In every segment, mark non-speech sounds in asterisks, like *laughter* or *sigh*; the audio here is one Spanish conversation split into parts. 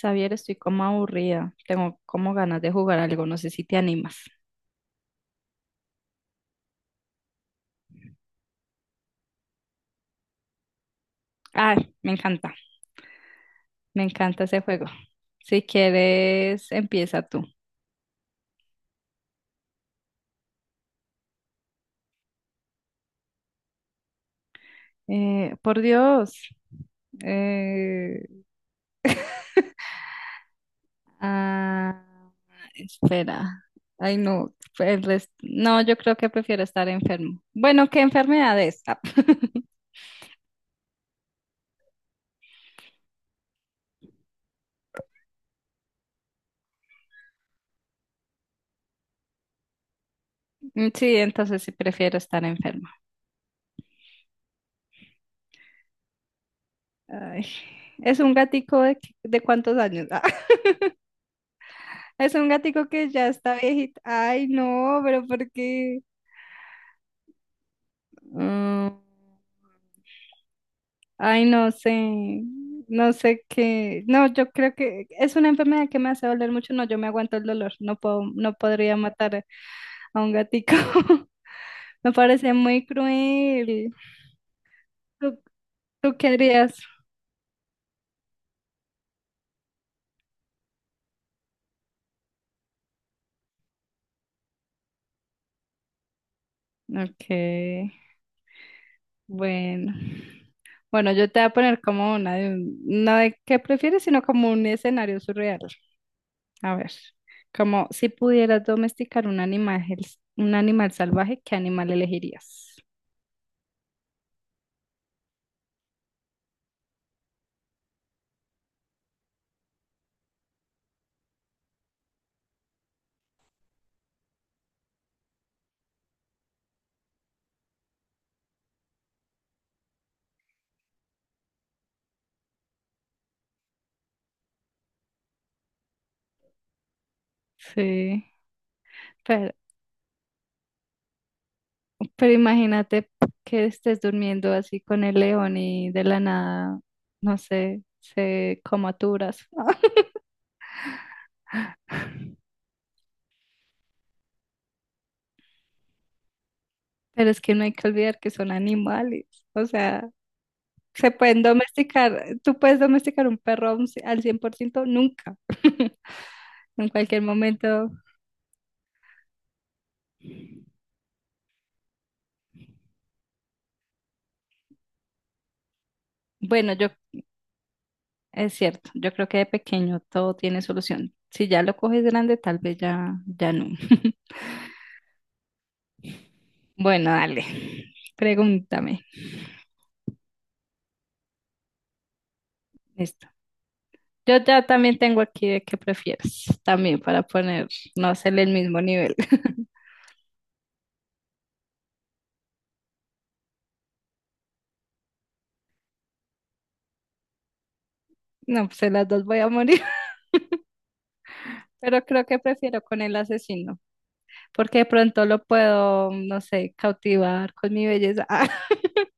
Xavier, estoy como aburrida. Tengo como ganas de jugar algo. No sé si te animas. Ay, me encanta. Me encanta ese juego. Si quieres, empieza tú. Por Dios. eh, ah, Espera. Ay, no. No, yo creo que prefiero estar enfermo. Bueno, ¿qué enfermedad es? Sí, entonces sí prefiero estar enfermo. Ay, ¿es un gatico de, de cuántos años? *laughs* Es un gatico que ya está viejito. Ay, no, pero ¿por qué? Mm, Ay, no sé. No sé qué. No, yo creo que es una enfermedad que me hace doler mucho. No, yo me aguanto el dolor. No puedo, no podría matar a un gatico. *laughs* Me parece muy cruel. ¿Tú, tú qué harías? Ok, bueno. Bueno, yo te voy a poner como una de no de qué prefieres, sino como un escenario surreal. A ver, como si pudieras domesticar un animal salvaje, ¿qué animal elegirías? Sí, pero, pero imagínate que estés durmiendo así con el león y de la nada, no sé, se comaturas. *laughs* Pero es que no hay que olvidar que son animales, o sea, se pueden domesticar, tú puedes domesticar un perro a un al 100% nunca, *laughs* en cualquier momento. Bueno, yo es cierto, yo creo que de pequeño todo tiene solución. Si ya lo coges grande, tal vez ya, ya no. *laughs* Bueno, dale, pregúntame. Listo. Yo ya también tengo aquí de qué prefieres, también para poner, no hacerle el mismo nivel. *laughs* No, pues en las dos voy a morir, *laughs* pero creo que prefiero con el asesino, porque de pronto lo puedo, no sé, cautivar con mi belleza. *laughs*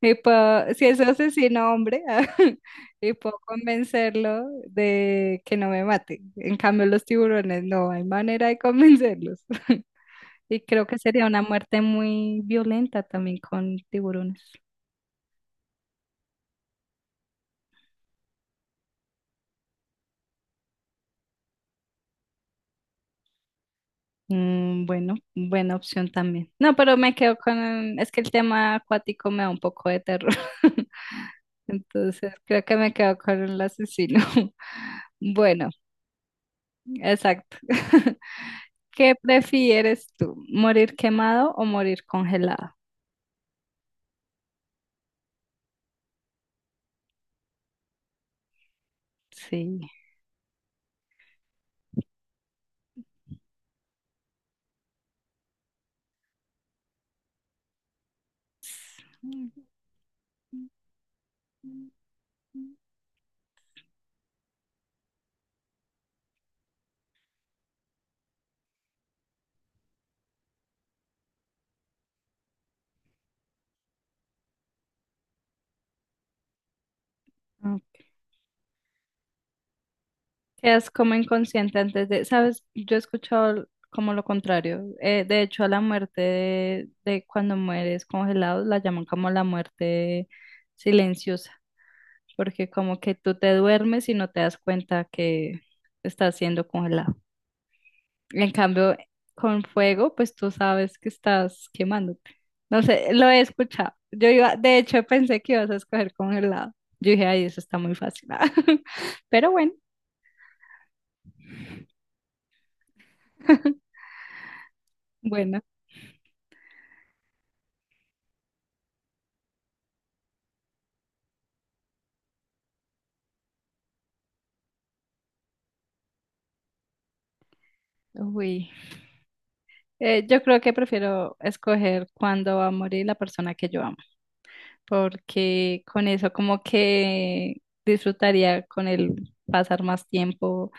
Y puedo, si es asesino hombre, *laughs* y puedo convencerlo de que no me mate. En cambio, los tiburones no, hay manera de convencerlos. *laughs* Y creo que sería una muerte muy violenta también con tiburones. Mm, bueno, buena opción también. No, pero me quedo con, es que el tema acuático me da un poco de terror. *laughs* Entonces, creo que me quedo con el asesino. *laughs* Bueno, exacto. *laughs* ¿Qué prefieres tú? ¿Morir quemado o morir congelado? Sí. Quedas como inconsciente antes de, ¿sabes? Yo he escuchado como lo contrario. De hecho, a la muerte de cuando mueres congelado la llaman como la muerte silenciosa, porque como que tú te duermes y no te das cuenta que estás siendo congelado. En cambio, con fuego, pues tú sabes que estás quemándote. No sé, lo he escuchado. Yo iba, de hecho, pensé que ibas a escoger congelado. Yo dije, ay, eso está muy fácil. *laughs* Pero bueno, *laughs* bueno. Uy. Yo creo que prefiero escoger cuándo va a morir la persona que yo amo, porque con eso como que disfrutaría con él pasar más tiempo,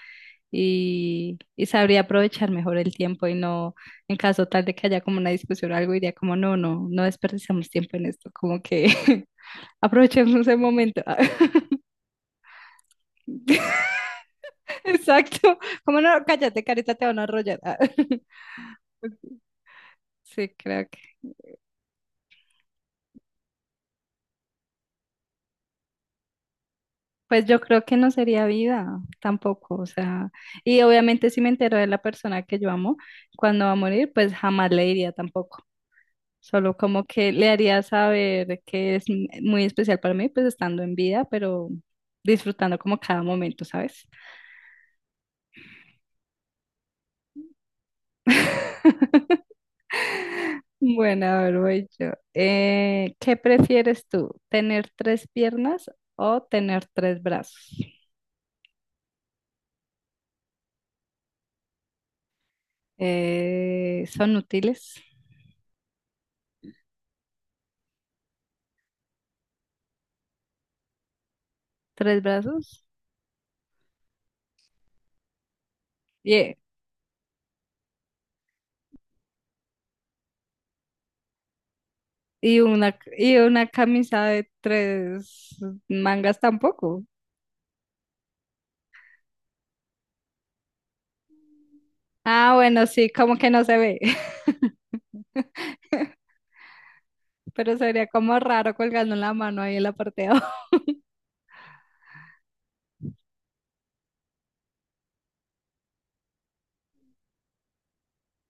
y sabría aprovechar mejor el tiempo y no, en caso tal de que haya como una discusión o algo, diría como, no, no, no desperdiciamos tiempo en esto, como que *laughs* aprovechemos el momento. *laughs* Exacto, como no, cállate, carita, te van a arrollar. *laughs* Sí, creo que. Pues yo creo que no sería vida tampoco, o sea, y obviamente si me entero de la persona que yo amo, cuando va a morir, pues jamás le diría tampoco. Solo como que le haría saber que es muy especial para mí, pues estando en vida, pero disfrutando como cada momento, ¿sabes? *laughs* Bueno, a ver, voy yo. ¿Qué prefieres tú? ¿Tener tres piernas o tener tres brazos? ¿Son útiles? ¿Tres brazos? Yeah. Y una camisa de tres mangas tampoco. Ah, bueno, sí, como que no se ve. *laughs* Pero sería como raro colgando la mano ahí en la parte de abajo. *laughs*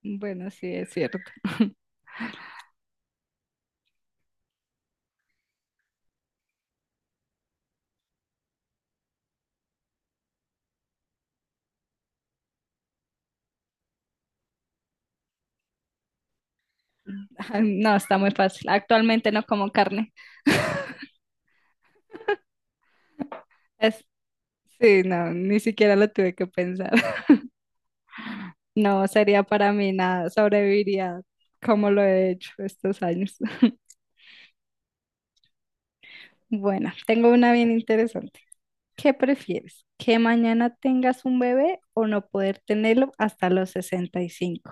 Bueno, sí, es cierto. *laughs* No, está muy fácil. Actualmente no como carne. Es- sí, no, ni siquiera lo tuve que pensar. *laughs* No, sería para mí nada. Sobreviviría como lo he hecho estos años. *laughs* Bueno, tengo una bien interesante. ¿Qué prefieres? ¿Que mañana tengas un bebé o no poder tenerlo hasta los 65?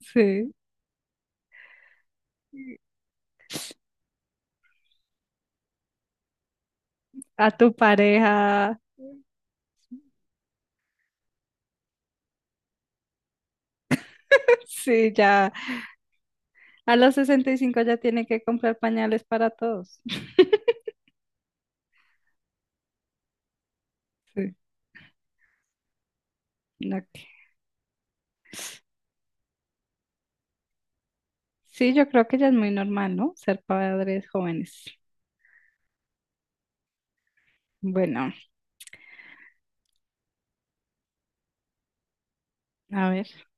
Sí, a tu pareja. *laughs* Sí, ya. A los 65 ya tiene que comprar pañales para todos. Sí, no, que- sí, yo creo que ya es muy normal, ¿no? Ser padres jóvenes. Bueno, a ver.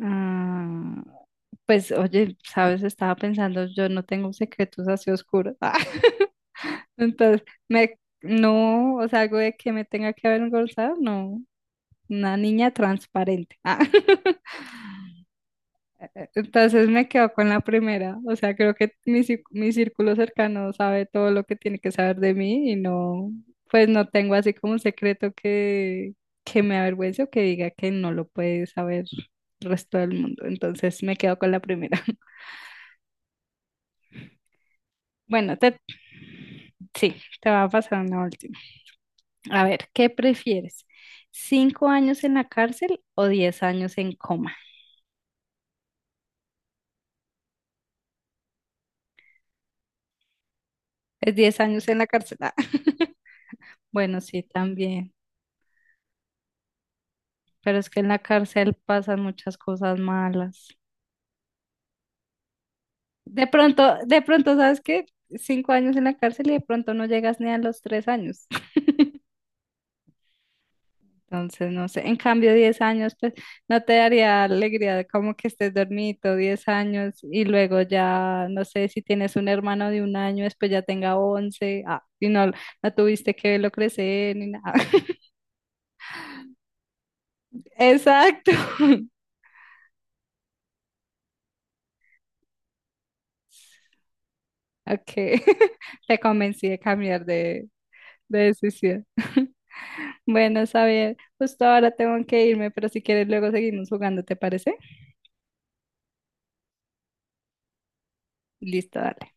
Ah, pues, oye, sabes, estaba pensando, yo no tengo secretos así oscuros. *laughs* Ah, entonces, no, o sea, algo de que me tenga que avergonzar, no. Una niña transparente. Ah, *laughs* entonces me quedo con la primera, o sea, creo que mi círculo cercano sabe todo lo que tiene que saber de mí y no, pues no tengo así como un secreto que me avergüence o que diga que no lo puede saber el resto del mundo. Entonces me quedo con la primera. *laughs* Bueno, sí, te va a pasar una última. A ver, ¿qué prefieres? ¿5 años en la cárcel o 10 años en coma? Es 10 años en la cárcel. Ah. *laughs* Bueno, sí, también. Pero es que en la cárcel pasan muchas cosas malas. De pronto, ¿sabes qué? Cinco años en la cárcel y de pronto no llegas ni a los 3 años. Entonces, no sé, en cambio, 10 años, pues no te daría alegría de como que estés dormido 10 años y luego ya, no sé, si tienes un hermano de un año, después ya tenga 11, ah, y no, no tuviste que verlo crecer ni nada. *laughs* Exacto. *laughs* Ok, *laughs* te convencí de cambiar de decisión. *laughs* Bueno, Xavier, justo ahora tengo que irme, pero si quieres luego seguimos jugando, ¿te parece? Listo, dale.